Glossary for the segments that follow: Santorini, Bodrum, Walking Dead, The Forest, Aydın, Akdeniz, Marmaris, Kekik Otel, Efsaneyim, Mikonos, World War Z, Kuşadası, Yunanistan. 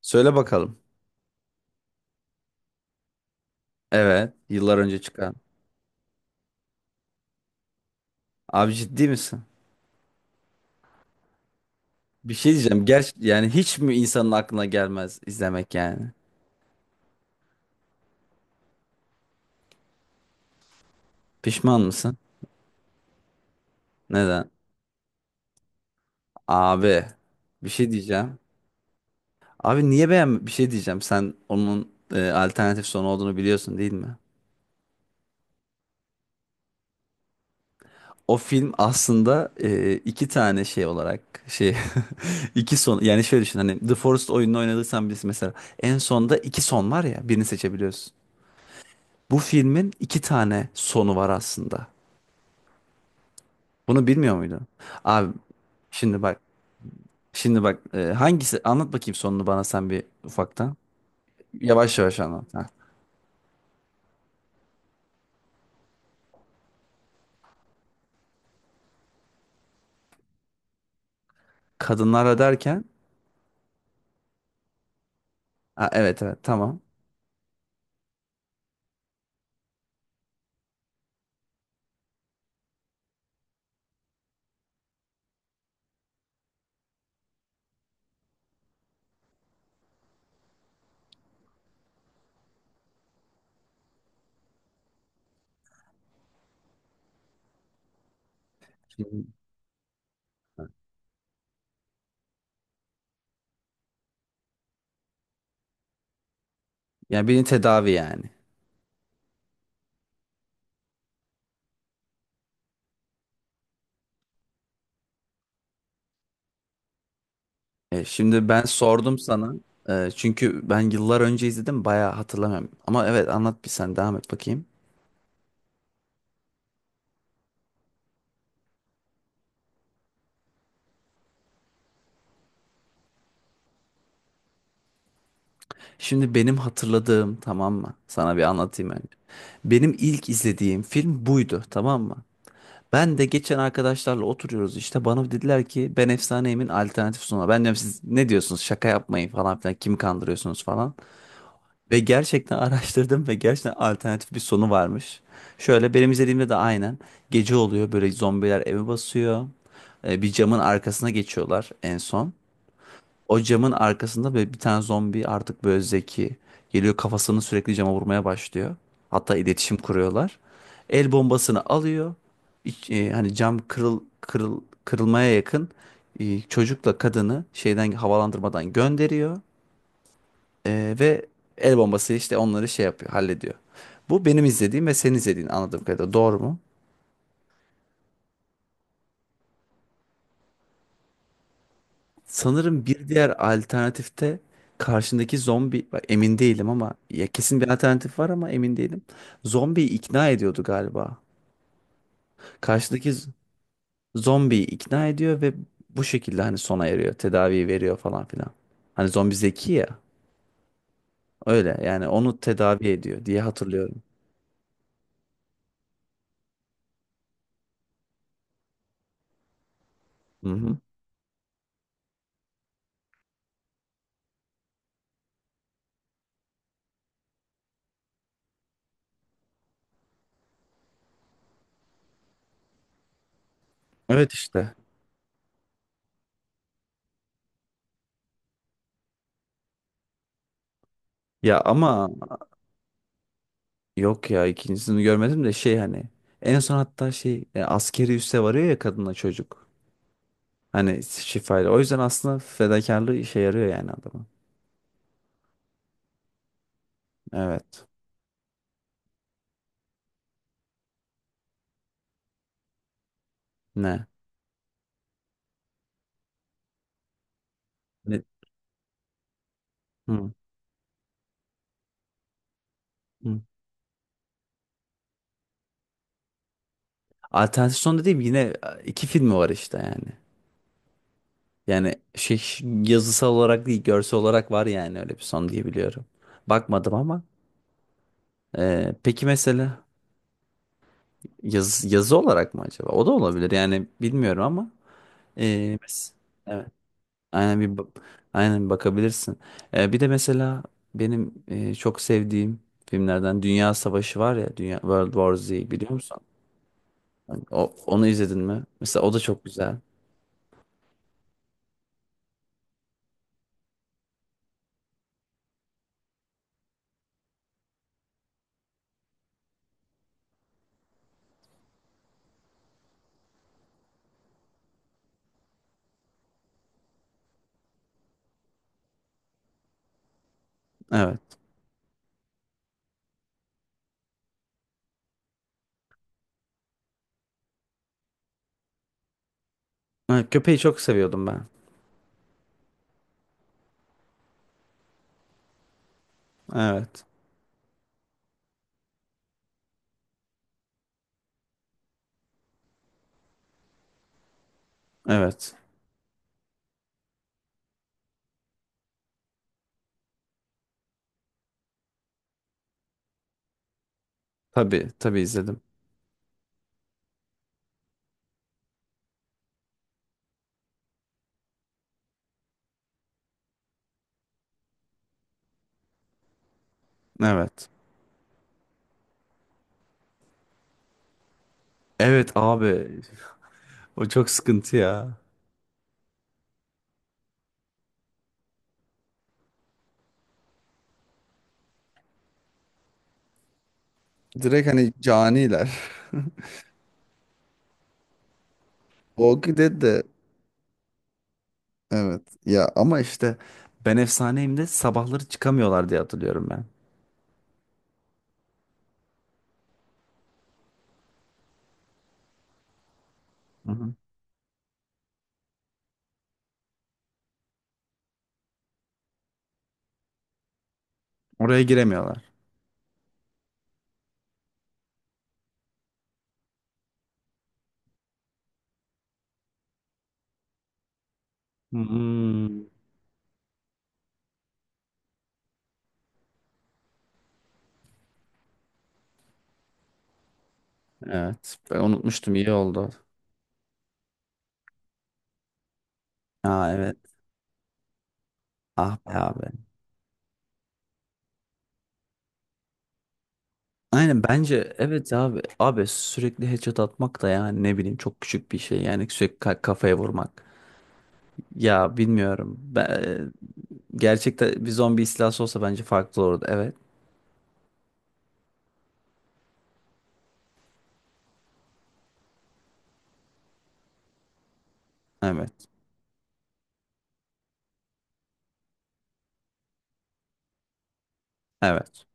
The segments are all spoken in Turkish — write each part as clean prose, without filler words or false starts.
Söyle bakalım. Evet, yıllar önce çıkan. Abi ciddi misin? Bir şey diyeceğim. Ger yani hiç mi insanın aklına gelmez izlemek yani? Pişman mısın? Neden? Abi bir şey diyeceğim. Abi niye beğen bir şey diyeceğim. Sen onun alternatif sonu olduğunu biliyorsun değil mi? O film aslında iki tane şey olarak şey iki son. Yani şöyle düşün, hani The Forest oyununu oynadıysan bilirsin mesela, en sonda iki son var ya, birini seçebiliyorsun. Bu filmin iki tane sonu var aslında. Bunu bilmiyor muydu? Abi şimdi bak. Şimdi bak, hangisi, anlat bakayım sonunu bana sen bir ufaktan. Yavaş yavaş anlat. Ha. Kadınlara derken ha, evet evet, tamam. Şimdi, yani birini tedavi yani. Şimdi ben sordum sana. Çünkü ben yıllar önce izledim, bayağı hatırlamıyorum. Ama evet, anlat bir, sen devam et bakayım. Şimdi benim hatırladığım, tamam mı? Sana bir anlatayım önce. Benim ilk izlediğim film buydu, tamam mı? Ben de geçen arkadaşlarla oturuyoruz işte, bana dediler ki ben Efsaneyim'in alternatif sunumu. Ben diyorum siz ne diyorsunuz, şaka yapmayın falan filan, kimi kandırıyorsunuz falan. Ve gerçekten araştırdım ve gerçekten alternatif bir sonu varmış. Şöyle, benim izlediğimde de aynen gece oluyor, böyle zombiler evi basıyor. Bir camın arkasına geçiyorlar en son. O camın arkasında böyle bir tane zombi, artık böyle zeki, geliyor, kafasını sürekli cama vurmaya başlıyor. Hatta iletişim kuruyorlar. El bombasını alıyor. Hani cam kırılmaya yakın, çocukla kadını şeyden, havalandırmadan gönderiyor. Ve el bombası işte onları şey yapıyor, hallediyor. Bu benim izlediğim ve senin izlediğin, anladığım kadarıyla doğru mu? Sanırım bir diğer alternatifte karşındaki zombi, bak emin değilim ama, ya kesin bir alternatif var ama emin değilim. Zombiyi ikna ediyordu galiba. Karşıdaki z- Zombiyi ikna ediyor ve bu şekilde hani sona eriyor, tedavi veriyor falan filan. Hani zombi zeki ya. Öyle yani, onu tedavi ediyor diye hatırlıyorum. Hı hı. Evet işte. Ya ama yok ya, ikincisini görmedim de, şey, hani en son, hatta şey, askeri üsse varıyor ya, kadınla çocuk. Hani şifayla. O yüzden aslında fedakarlığı işe yarıyor yani adamın. Evet. Ne? Ne? Hı. Hı. Alternatif son dediğim yine iki filmi var işte yani. Yani şey, yazısal olarak değil, görsel olarak var yani, öyle bir son diye biliyorum. Bakmadım ama. Peki mesela yazı olarak mı acaba? O da olabilir yani, bilmiyorum ama. E, mes- evet. Aynen bir bak- aynen bir bakabilirsin. Bir de mesela benim çok sevdiğim filmlerden Dünya Savaşı var ya, Dünya World War Z, biliyor musun? Hani onu izledin mi? Mesela o da çok güzel. Evet. Ha, köpeği çok seviyordum ben. Evet. Evet. Tabii, tabii izledim. Evet. Evet abi. O çok sıkıntı ya. Direkt hani caniler. Walking Dead de evet ya, ama işte ben efsaneyim de sabahları çıkamıyorlar diye hatırlıyorum ben. Oraya giremiyorlar. Hmm. Evet. Ben unutmuştum, İyi oldu. Aa evet. Ah be abi. Aynen, bence evet abi. Abi sürekli headshot atmak da yani, ne bileyim, çok küçük bir şey. Yani sürekli kafaya vurmak. Ya bilmiyorum. Ben, gerçekten bir zombi istilası olsa bence farklı olurdu. Evet. Evet. Evet.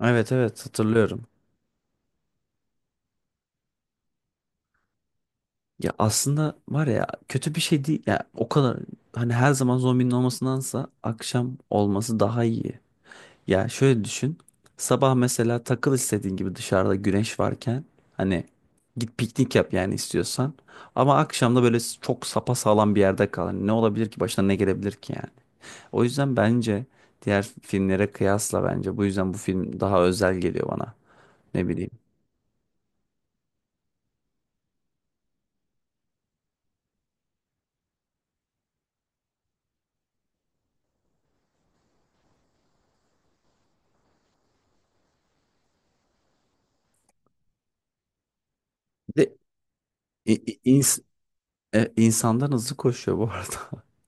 Evet evet, hatırlıyorum. Ya aslında, var ya, kötü bir şey değil. Ya o kadar, hani her zaman zombinin olmasındansa akşam olması daha iyi. Ya şöyle düşün. Sabah mesela takıl istediğin gibi, dışarıda güneş varken, hani git piknik yap yani, istiyorsan. Ama akşam da böyle çok sapasağlam bir yerde kal. Hani ne olabilir ki, başına ne gelebilir ki yani. O yüzden bence diğer filmlere kıyasla, bence bu yüzden bu film daha özel geliyor bana. Ne bileyim. Bir de i- i- ins insandan hızlı koşuyor bu arada.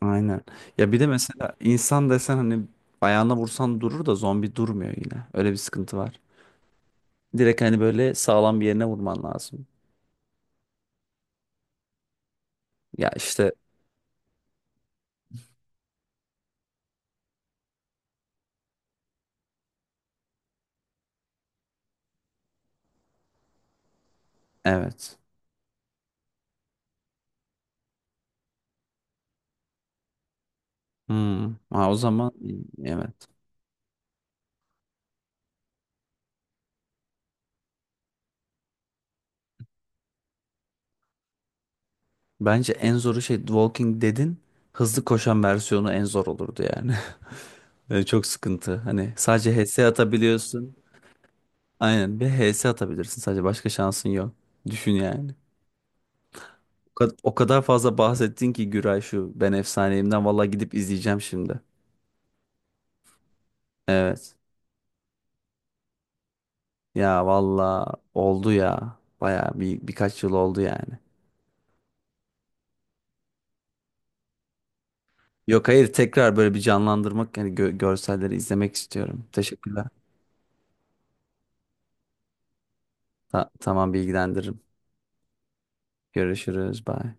Aynen. Ya bir de mesela insan desen, hani ayağına vursan durur da, zombi durmuyor yine. Öyle bir sıkıntı var. Direkt hani böyle sağlam bir yerine vurman lazım. Ya işte evet. Hmm. Ha, o zaman evet. Bence en zoru şey, Walking Dead'in hızlı koşan versiyonu en zor olurdu yani. Yani çok sıkıntı. Hani sadece HS atabiliyorsun. Aynen bir HS atabilirsin, sadece başka şansın yok. Düşün yani. O kadar fazla bahsettin ki Güray şu Ben Efsaneyim'den, valla gidip izleyeceğim şimdi. Evet. Ya valla oldu ya. Baya bir, birkaç yıl oldu yani. Yok, hayır, tekrar böyle bir canlandırmak yani, görselleri izlemek istiyorum. Teşekkürler. Tamam, bilgilendiririm. Görüşürüz. Bye.